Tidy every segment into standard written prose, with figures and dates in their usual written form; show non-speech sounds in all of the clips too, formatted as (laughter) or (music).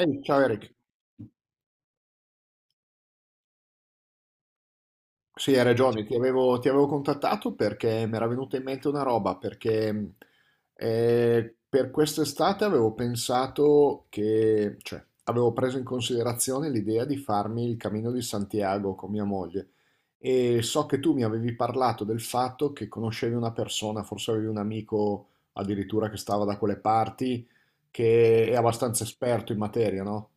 Ehi, ciao Eric. Sì, hai ragione, ti avevo contattato perché mi era venuta in mente una roba, perché per quest'estate avevo pensato che, cioè, avevo preso in considerazione l'idea di farmi il Cammino di Santiago con mia moglie e so che tu mi avevi parlato del fatto che conoscevi una persona, forse avevi un amico addirittura che stava da quelle parti, che è abbastanza esperto in materia, no?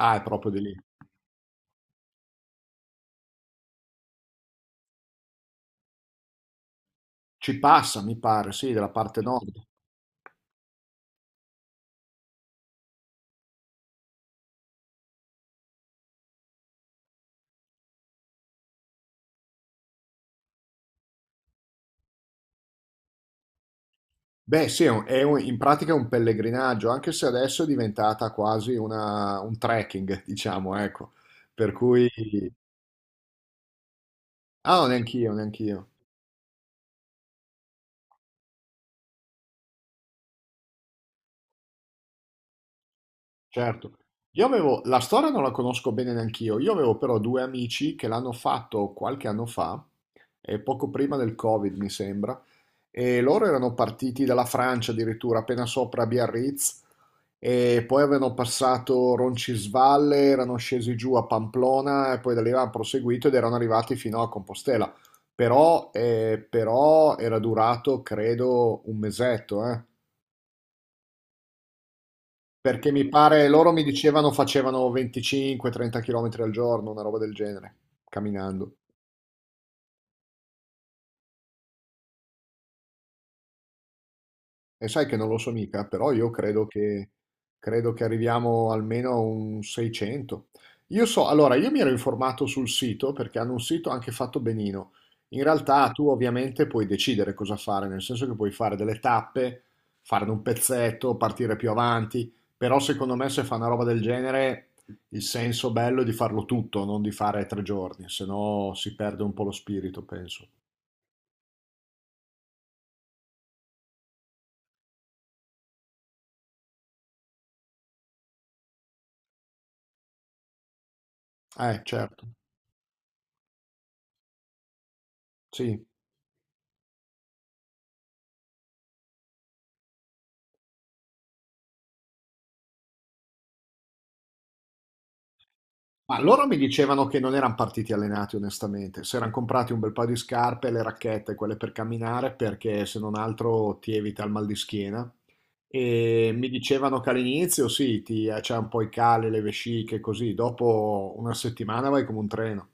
Ah, è proprio di lì. Ci passa, mi pare, sì, della parte nord. Beh, sì, in pratica è un pellegrinaggio, anche se adesso è diventata un trekking, (laughs) diciamo, ecco. Per cui... Ah, no, neanch'io, certo. Io avevo... La storia non la conosco bene neanch'io, io avevo però due amici che l'hanno fatto qualche anno fa, e poco prima del Covid, mi sembra, e loro erano partiti dalla Francia addirittura, appena sopra Biarritz, e poi avevano passato Roncisvalle, erano scesi giù a Pamplona e poi da lì avevano proseguito ed erano arrivati fino a Compostela. Però, però era durato, credo, un mesetto, eh. Perché mi pare, loro mi dicevano facevano 25-30 km al giorno, una roba del genere, camminando. E sai che non lo so mica, però credo che arriviamo almeno a un 600. Io so, allora, io mi ero informato sul sito perché hanno un sito anche fatto benino. In realtà tu ovviamente puoi decidere cosa fare, nel senso che puoi fare delle tappe, farne un pezzetto, partire più avanti, però secondo me se fa una roba del genere il senso bello è di farlo tutto, non di fare tre giorni, se no si perde un po' lo spirito, penso. Certo, sì. Ma loro mi dicevano che non eran partiti allenati onestamente, s'eran comprati un bel paio di scarpe, le racchette, quelle per camminare, perché se non altro ti evita il mal di schiena. E mi dicevano che all'inizio sì, c'è un po' i cali, le vesciche, così, dopo una settimana vai come un treno.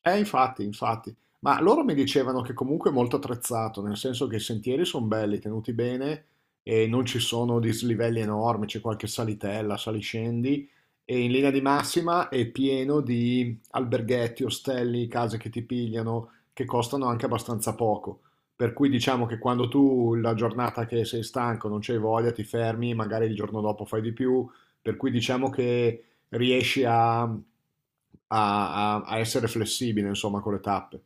Infatti, infatti. Ma loro mi dicevano che comunque è molto attrezzato, nel senso che i sentieri sono belli, tenuti bene e non ci sono dislivelli enormi, c'è qualche salitella, saliscendi e in linea di massima è pieno di alberghetti, ostelli, case che ti pigliano, che costano anche abbastanza poco. Per cui diciamo che quando tu la giornata che sei stanco, non c'hai voglia, ti fermi, magari il giorno dopo fai di più. Per cui diciamo che riesci a, a- a- a essere flessibile, insomma, con le tappe.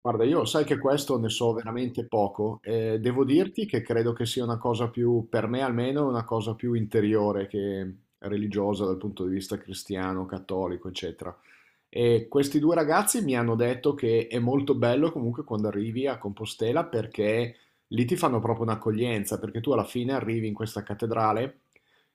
Guarda, io sai che questo ne so veramente poco e devo dirti che credo che sia una cosa più, per me almeno, una cosa più interiore che religiosa dal punto di vista cristiano, cattolico, eccetera. E questi due ragazzi mi hanno detto che è molto bello comunque quando arrivi a Compostela perché lì ti fanno proprio un'accoglienza, perché tu alla fine arrivi in questa cattedrale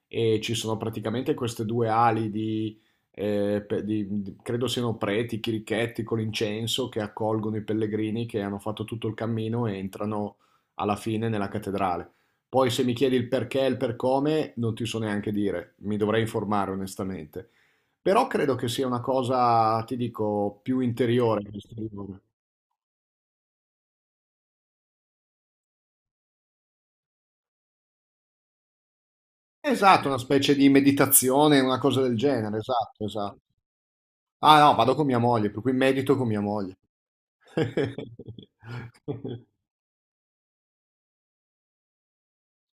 e ci sono praticamente queste due ali di, credo siano preti, chirichetti con l'incenso che accolgono i pellegrini che hanno fatto tutto il cammino e entrano alla fine nella cattedrale. Poi se mi chiedi il perché e il per come, non ti so neanche dire, mi dovrei informare onestamente. Però credo che sia una cosa, ti dico, più interiore che esteriore. Esatto, una specie di meditazione, una cosa del genere, esatto, esatto. Ah no, vado con mia moglie, per cui medito con mia moglie. (laughs)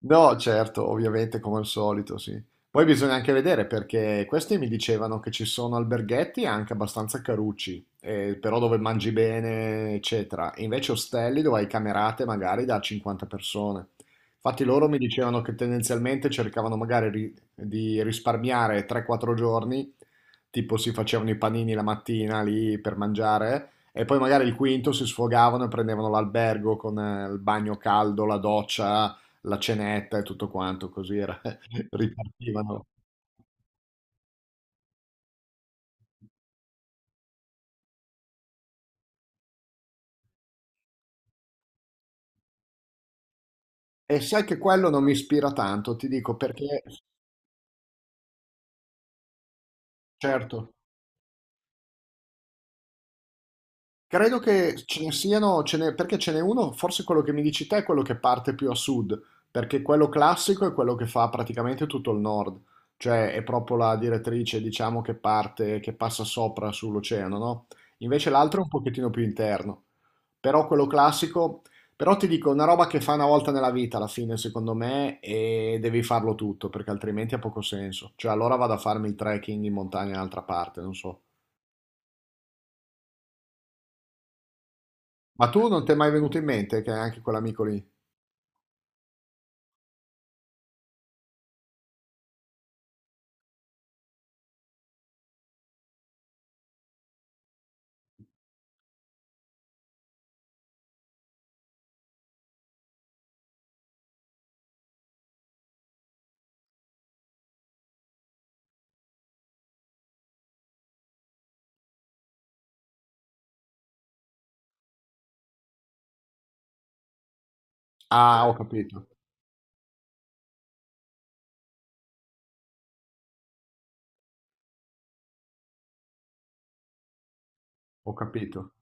No, certo, ovviamente come al solito, sì. Poi bisogna anche vedere perché questi mi dicevano che ci sono alberghetti anche abbastanza carucci, però dove mangi bene, eccetera. E invece ostelli dove hai camerate magari da 50 persone. Infatti loro mi dicevano che tendenzialmente cercavano magari di risparmiare 3-4 giorni, tipo si facevano i panini la mattina lì per mangiare. E poi magari il quinto si sfogavano e prendevano l'albergo con il bagno caldo, la doccia, la cenetta e tutto quanto, (laughs) ripartivano. E sai che quello non mi ispira tanto, ti dico perché, certo, Credo che ce ne siano, perché ce n'è uno, forse quello che mi dici te è quello che parte più a sud, perché quello classico è quello che fa praticamente tutto il nord, cioè è proprio la direttrice, diciamo, che parte, che passa sopra sull'oceano, no? Invece l'altro è un pochettino più interno, però quello classico, però ti dico, una roba che fa una volta nella vita alla fine, secondo me, e devi farlo tutto, perché altrimenti ha poco senso, cioè allora vado a farmi il trekking in montagna in un'altra parte, non so. Ma tu non ti è mai venuto in mente che anche quell'amico lì Ah, ho capito.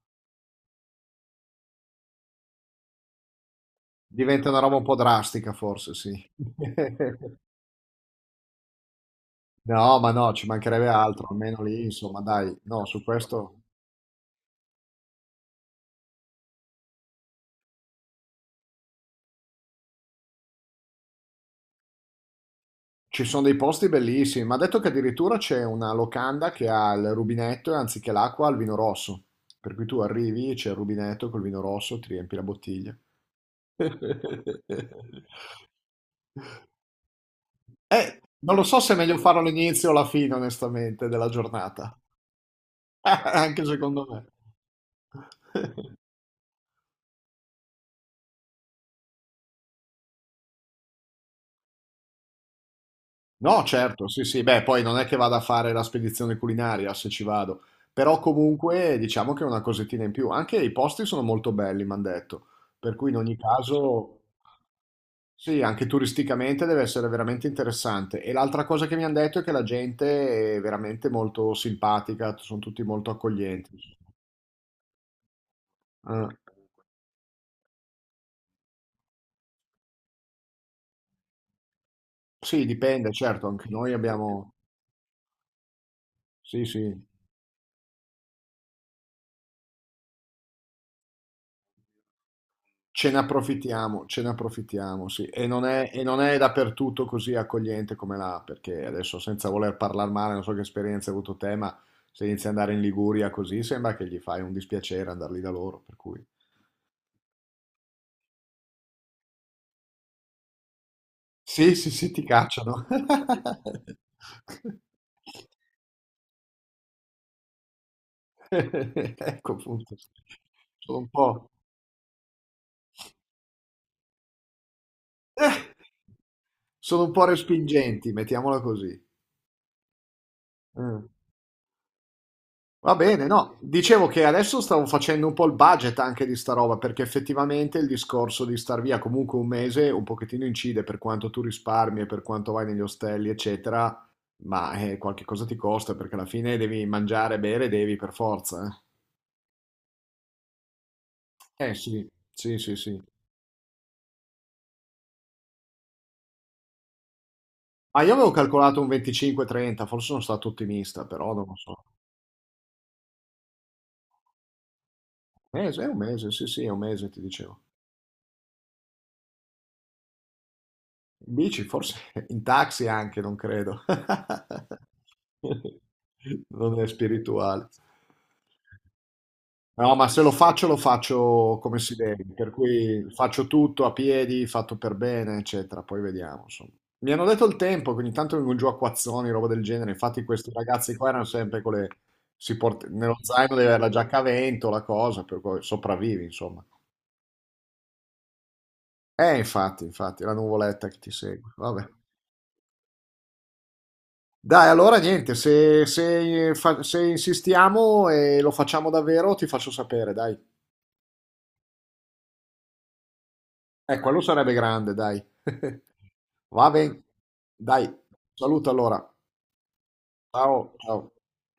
Diventa una roba un po' drastica, forse, sì. (laughs) No, ma no, ci mancherebbe altro, almeno lì, insomma, dai, no, su questo ci sono dei posti bellissimi, ma ha detto che addirittura c'è una locanda che ha il rubinetto e anziché l'acqua ha il vino rosso, per cui tu arrivi, c'è il rubinetto col vino rosso, ti riempi la bottiglia. (laughs) Non lo so se è meglio farlo all'inizio o alla fine, onestamente, della giornata, (laughs) anche secondo me. (laughs) No, certo, sì, sì, beh, poi non è che vada a fare la spedizione culinaria se ci vado, però comunque diciamo che è una cosettina in più. Anche i posti sono molto belli, mi hanno detto, per cui in ogni caso, sì, anche turisticamente deve essere veramente interessante. E l'altra cosa che mi hanno detto è che la gente è veramente molto simpatica, sono tutti molto accoglienti. Eh, sì, dipende, certo, anche noi abbiamo, sì, sì. Ce ne approfittiamo, sì. E non è dappertutto così accogliente come là, perché adesso senza voler parlare male, non so che esperienza hai avuto te, ma se inizi ad andare in Liguria così sembra che gli fai un dispiacere andar lì da loro, per cui... Sì, sì, sì, ti cacciano. (laughs) Ecco appunto. Sono un po'... eh, Sono un po' respingenti, mettiamola così. Mm. Va bene, no. Dicevo che adesso stavo facendo un po' il budget anche di sta roba, perché effettivamente il discorso di star via comunque un mese un pochettino incide per quanto tu risparmi e per quanto vai negli ostelli, eccetera, ma qualche cosa ti costa perché alla fine devi mangiare, bere, devi per forza. Sì, sì, sì, sì. Ma io avevo calcolato un 25-30, forse sono stato ottimista, però non lo so. Mese, è un mese, sì, sì, è un mese, ti dicevo. In bici, forse (laughs) in taxi anche, non credo. (laughs) Non è spirituale. No, ma se lo faccio, lo faccio come si deve, per cui faccio tutto a piedi, fatto per bene, eccetera. Poi vediamo, insomma. Mi hanno detto il tempo, che ogni tanto vengono giù a acquazzoni, roba del genere. Infatti questi ragazzi qua erano sempre con le... Nello zaino deve avere la giacca a vento, la cosa, per cui sopravvivi, insomma. Infatti, infatti, la nuvoletta che ti segue. Vabbè. Dai, allora niente, se insistiamo e lo facciamo davvero, ti faccio sapere, dai. Quello sarebbe grande, dai. (laughs) Va bene, dai, saluto allora. Ciao, ciao.